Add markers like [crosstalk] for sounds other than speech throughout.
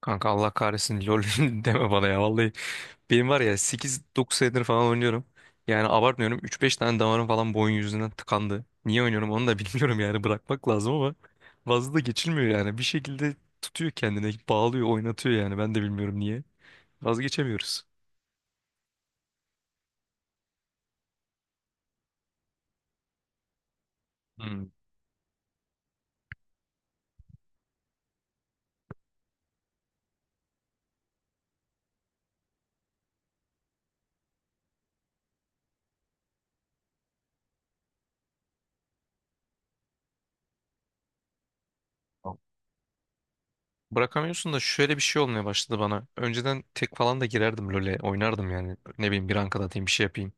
Kanka Allah kahretsin lol [laughs] deme bana ya vallahi. Benim var ya sekiz dokuz senedir falan oynuyorum. Yani abartmıyorum üç beş tane damarım falan bu oyun yüzünden tıkandı. Niye oynuyorum onu da [laughs] bilmiyorum yani bırakmak lazım ama vazı da geçilmiyor yani. Bir şekilde tutuyor kendine bağlıyor oynatıyor yani ben de bilmiyorum niye. Vazgeçemiyoruz. Hmm. Bırakamıyorsun da şöyle bir şey olmaya başladı bana. Önceden tek falan da girerdim LoL'e oynardım yani. Ne bileyim bir rank atayım bir şey yapayım.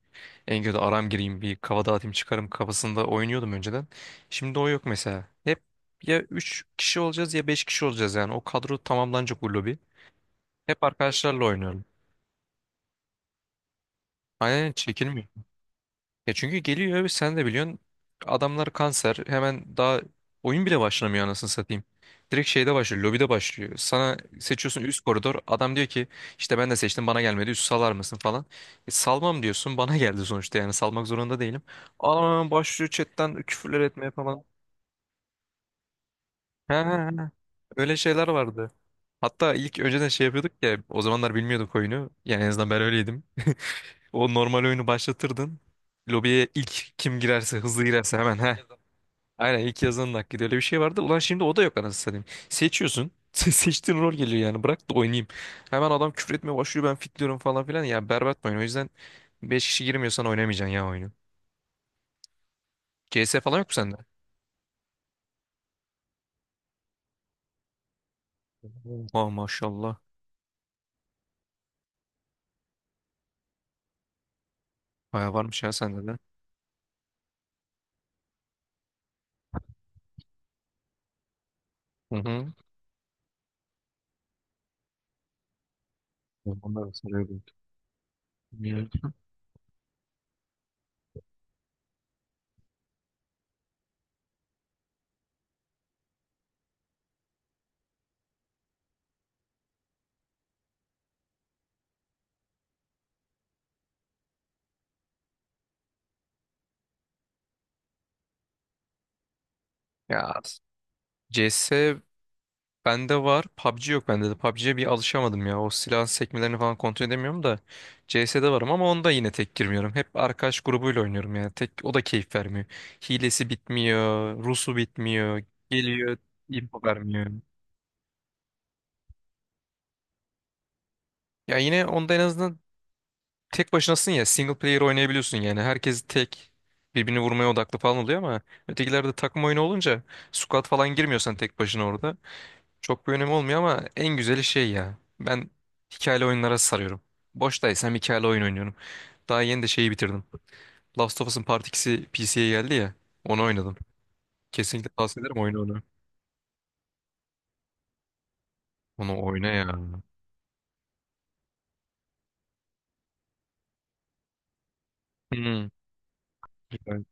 En kötü aram gireyim bir kafa dağıtayım çıkarım kafasında oynuyordum önceden. Şimdi o yok mesela. Hep ya 3 kişi olacağız ya 5 kişi olacağız yani. O kadro tamamlanacak bu lobi. Hep arkadaşlarla oynuyorum. Aynen çekilmiyor. Ya çünkü geliyor ve sen de biliyorsun adamlar kanser, hemen daha oyun bile başlamıyor anasını satayım. Direkt şeyde başlıyor, lobide başlıyor. Sana seçiyorsun üst koridor, adam diyor ki işte ben de seçtim bana gelmedi, üst salar mısın falan. E, salmam diyorsun [laughs] bana geldi sonuçta yani, salmak zorunda değilim. Adam hemen başlıyor chatten küfürler etmeye falan. He he he, öyle şeyler vardı. Hatta ilk önceden şey yapıyorduk ya, o zamanlar bilmiyorduk oyunu. Yani en azından ben öyleydim. [laughs] O normal oyunu başlatırdın. Lobiye ilk kim girerse, hızlı girerse hemen heh Aynen, ilk yazanın hakkıydı, öyle bir şey vardı. Ulan şimdi o da yok anasını satayım. Seçiyorsun. [laughs] Seçtiğin rol geliyor yani, bırak da oynayayım. Hemen adam küfür etmeye başlıyor, ben fitliyorum falan filan. Ya berbat bir oyun. O yüzden 5 kişi girmiyorsan oynamayacaksın ya oyunu. CS falan yok mu sende? Oha maşallah. Baya varmış ya sende de. Hı hı. Onlar sarıyor. Ya, CS bende var. PUBG yok bende de. PUBG'ye bir alışamadım ya. O silahın sekmelerini falan kontrol edemiyorum da. CS'de varım ama onda yine tek girmiyorum. Hep arkadaş grubuyla oynuyorum yani. Tek o da keyif vermiyor. Hilesi bitmiyor, Rusu bitmiyor, geliyor, info vermiyor. Ya yine onda en azından tek başınasın ya. Single player oynayabiliyorsun yani. Herkes tek birbirini vurmaya odaklı falan oluyor ama ötekilerde takım oyunu olunca, squad falan girmiyorsan tek başına orada. Çok bir önemi olmuyor ama en güzeli şey ya. Ben hikayeli oyunlara sarıyorum. Boştaysam hikayeli oyun oynuyorum. Daha yeni de şeyi bitirdim. Last of Us'ın Part 2'si PC'ye geldi ya. Onu oynadım. Kesinlikle tavsiye ederim oyunu, onu. Onu oyna ya. Hmm. Güzel.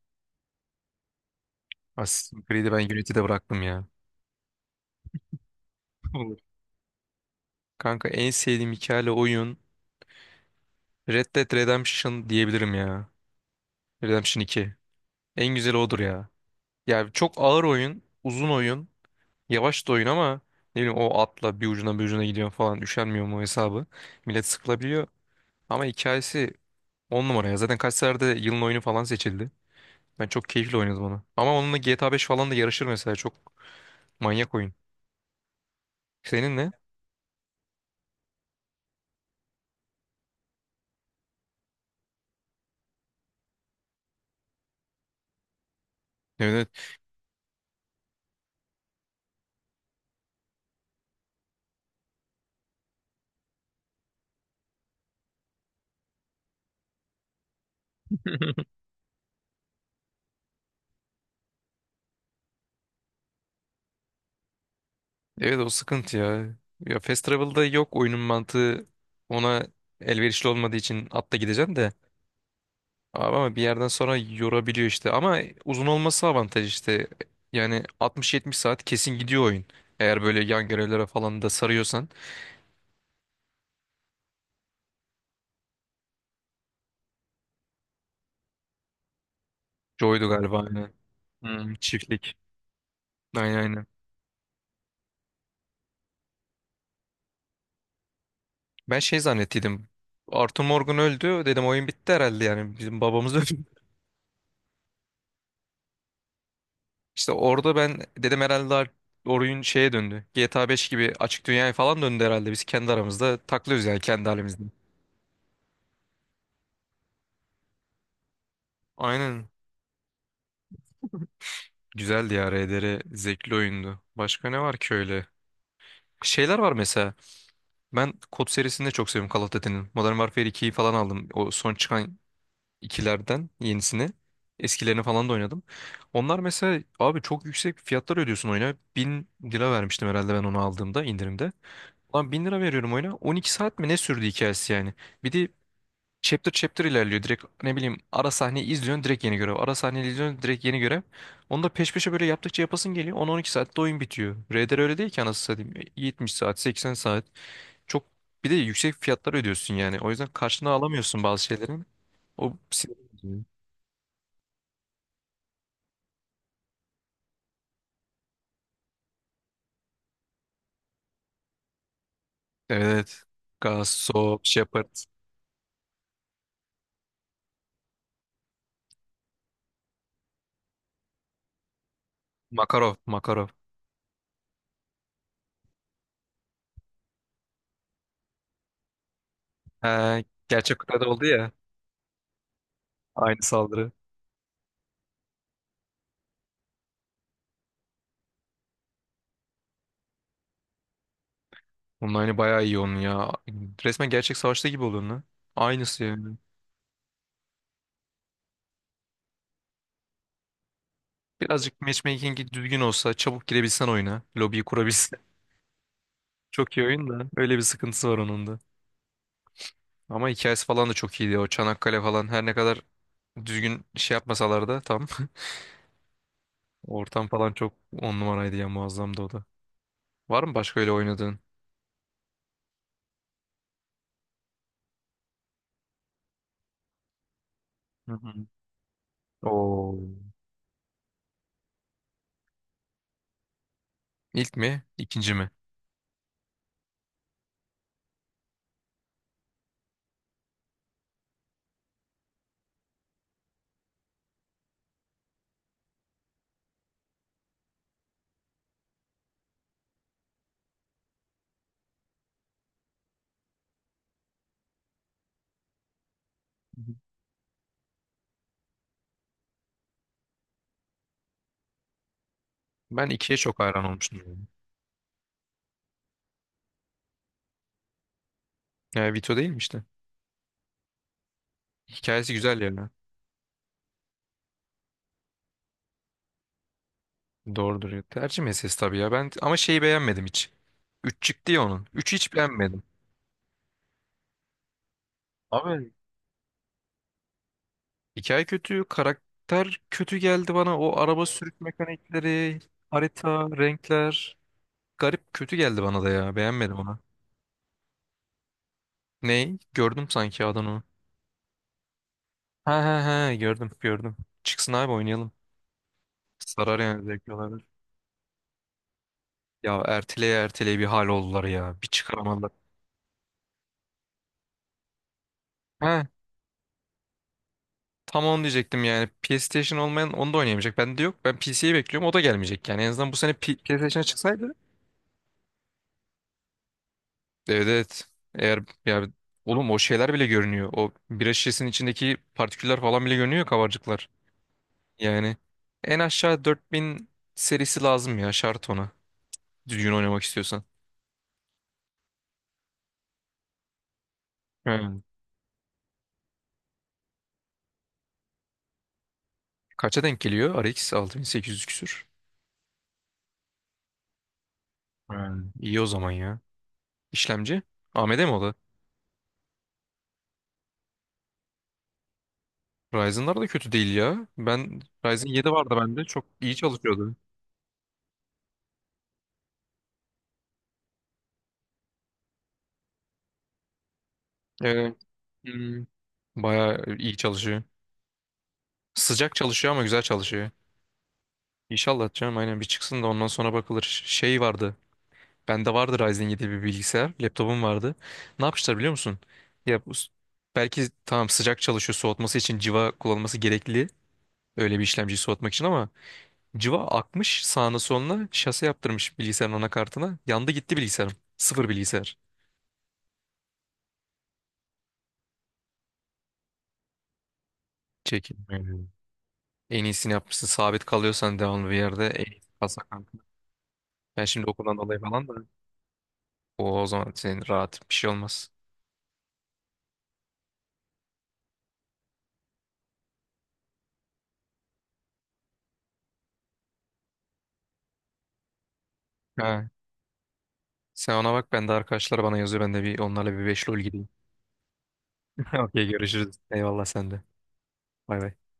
Assassin's Creed'i ben Unity'de bıraktım ya. [laughs] Olur. Kanka en sevdiğim hikayeli oyun Red Dead Redemption diyebilirim ya. Redemption 2. En güzeli odur ya. Ya çok ağır oyun, uzun oyun. Yavaş da oyun ama ne bileyim, o atla bir ucuna bir ucuna gidiyor falan, üşenmiyor mu hesabı. Millet sıkılabiliyor ama hikayesi on numara ya. Zaten kaç seferde yılın oyunu falan seçildi. Ben çok keyifli oynadım onu. Ama onunla GTA 5 falan da yarışır mesela, çok manyak oyun. Senin ne? Evet. [laughs] Evet, o sıkıntı ya. Ya Fast Travel'da yok, oyunun mantığı ona elverişli olmadığı için atla gideceksin de. Abi ama bir yerden sonra yorabiliyor işte. Ama uzun olması avantaj işte. Yani 60-70 saat kesin gidiyor oyun. Eğer böyle yan görevlere falan da sarıyorsan. Joy'du galiba, aynen. Hmm, çiftlik. Aynen, aynen. Ben şey zannettiydim. Arthur Morgan öldü. Dedim oyun bitti herhalde yani. Bizim babamız öldü. [laughs] İşte orada ben dedim herhalde oyun şeye döndü. GTA 5 gibi açık dünyaya falan döndü herhalde. Biz kendi aramızda taklıyoruz yani, kendi halimizde. Aynen. Güzeldi ya RDR. Zevkli oyundu. Başka ne var ki öyle? Şeyler var mesela. Ben kod serisini de çok seviyorum, Call of Duty'nin. Modern Warfare 2'yi falan aldım. O son çıkan ikilerden yenisini. Eskilerini falan da oynadım. Onlar mesela abi çok yüksek fiyatlar ödüyorsun oyuna. 1.000 lira vermiştim herhalde ben onu aldığımda, indirimde. Lan 1.000 lira veriyorum oyuna. 12 saat mi ne sürdü hikayesi yani. Bir de chapter chapter ilerliyor, direkt ne bileyim ara sahneyi izliyorsun direkt yeni görev, ara sahneyi izliyorsun direkt yeni görev, onu da peş peşe böyle yaptıkça yapasın geliyor, 10-12 saatte oyun bitiyor. RDR öyle değil ki anasını satayım, 70 saat 80 saat. Çok, bir de yüksek fiyatlar ödüyorsun yani, o yüzden karşına alamıyorsun bazı şeylerin, o sinir bozucu. Evet. Gassop Shepard. Makarov, Makarov. He, gerçek kıtada oldu ya, aynı saldırı. Onun aynı bayağı iyi onun ya, resmen gerçek savaşta gibi oluyor lan, aynısı yani. Birazcık matchmaking'i düzgün olsa, çabuk girebilsen oyuna, lobiyi kurabilsen. [laughs] Çok iyi oyun da öyle bir sıkıntısı var onun da. Ama hikayesi falan da çok iyiydi, o Çanakkale falan, her ne kadar düzgün şey yapmasalar da tam. [laughs] Ortam falan çok on numaraydı ya, muazzamdı o da. Var mı başka öyle oynadığın? Hı hı. Oo. İlk mi? İkinci mi? Hı hı. Ben ikiye çok hayran olmuştum yani. Vito değil mi işte? Hikayesi güzel yani. Doğrudur ya. Tercih meselesi tabii ya. Ben ama şeyi beğenmedim hiç. Üç çıktı ya onun. Üçü hiç beğenmedim. Abi, hikaye kötü, karakter kötü geldi bana. O araba, evet, sürük mekanikleri, harita, renkler. Garip kötü geldi bana da ya. Beğenmedim onu. Ney? Gördüm sanki adını. Ha ha ha, gördüm, gördüm. Çıksın abi oynayalım. Sarar yani, zevkli olabilir. Ya erteleye erteleye bir hal oldular ya. Bir çıkaramadılar. Ha, tam onu diyecektim yani. PlayStation olmayan onu da oynayamayacak. Bende de yok. Ben PC'yi bekliyorum. O da gelmeyecek yani. En azından bu sene PlayStation'a çıksaydı. Evet, evet. Eğer, ya oğlum o şeyler bile görünüyor. O bira şişesinin içindeki partiküller falan bile görünüyor, kabarcıklar. Yani en aşağı 4000 serisi lazım ya, şart ona. Düzgün oynamak istiyorsan. Hmm. Kaça denk geliyor? RX 6800 küsür. Hmm. İyi o zaman ya. İşlemci? AMD mi o da? Ryzen'lar da kötü değil ya. Ben Ryzen 7 vardı bende. Çok iyi çalışıyordu. Evet. Hmm. Bayağı iyi çalışıyor. Sıcak çalışıyor ama güzel çalışıyor. İnşallah canım, aynen, bir çıksın da ondan sonra bakılır. Şey vardı. Bende vardı Ryzen 7 bir bilgisayar. Laptopum vardı. Ne yapmışlar biliyor musun? Ya bu, belki tamam sıcak çalışıyor, soğutması için civa kullanılması gerekli. Öyle bir işlemciyi soğutmak için, ama civa akmış sağına soluna, şase yaptırmış bilgisayarın anakartına. Yandı gitti bilgisayarım. Sıfır bilgisayar. Çekilmiyor. En iyisini yapmışsın. Sabit kalıyorsan devamlı bir yerde en iyisi, kalsa kanka. Ben şimdi okuldan dolayı falan da o zaman senin rahat bir şey olmaz. Ha, sen ona bak, ben de arkadaşlar bana yazıyor. Ben de bir onlarla bir beşli ol gideyim. [laughs] Okey, görüşürüz. Eyvallah sen de. Bay bay.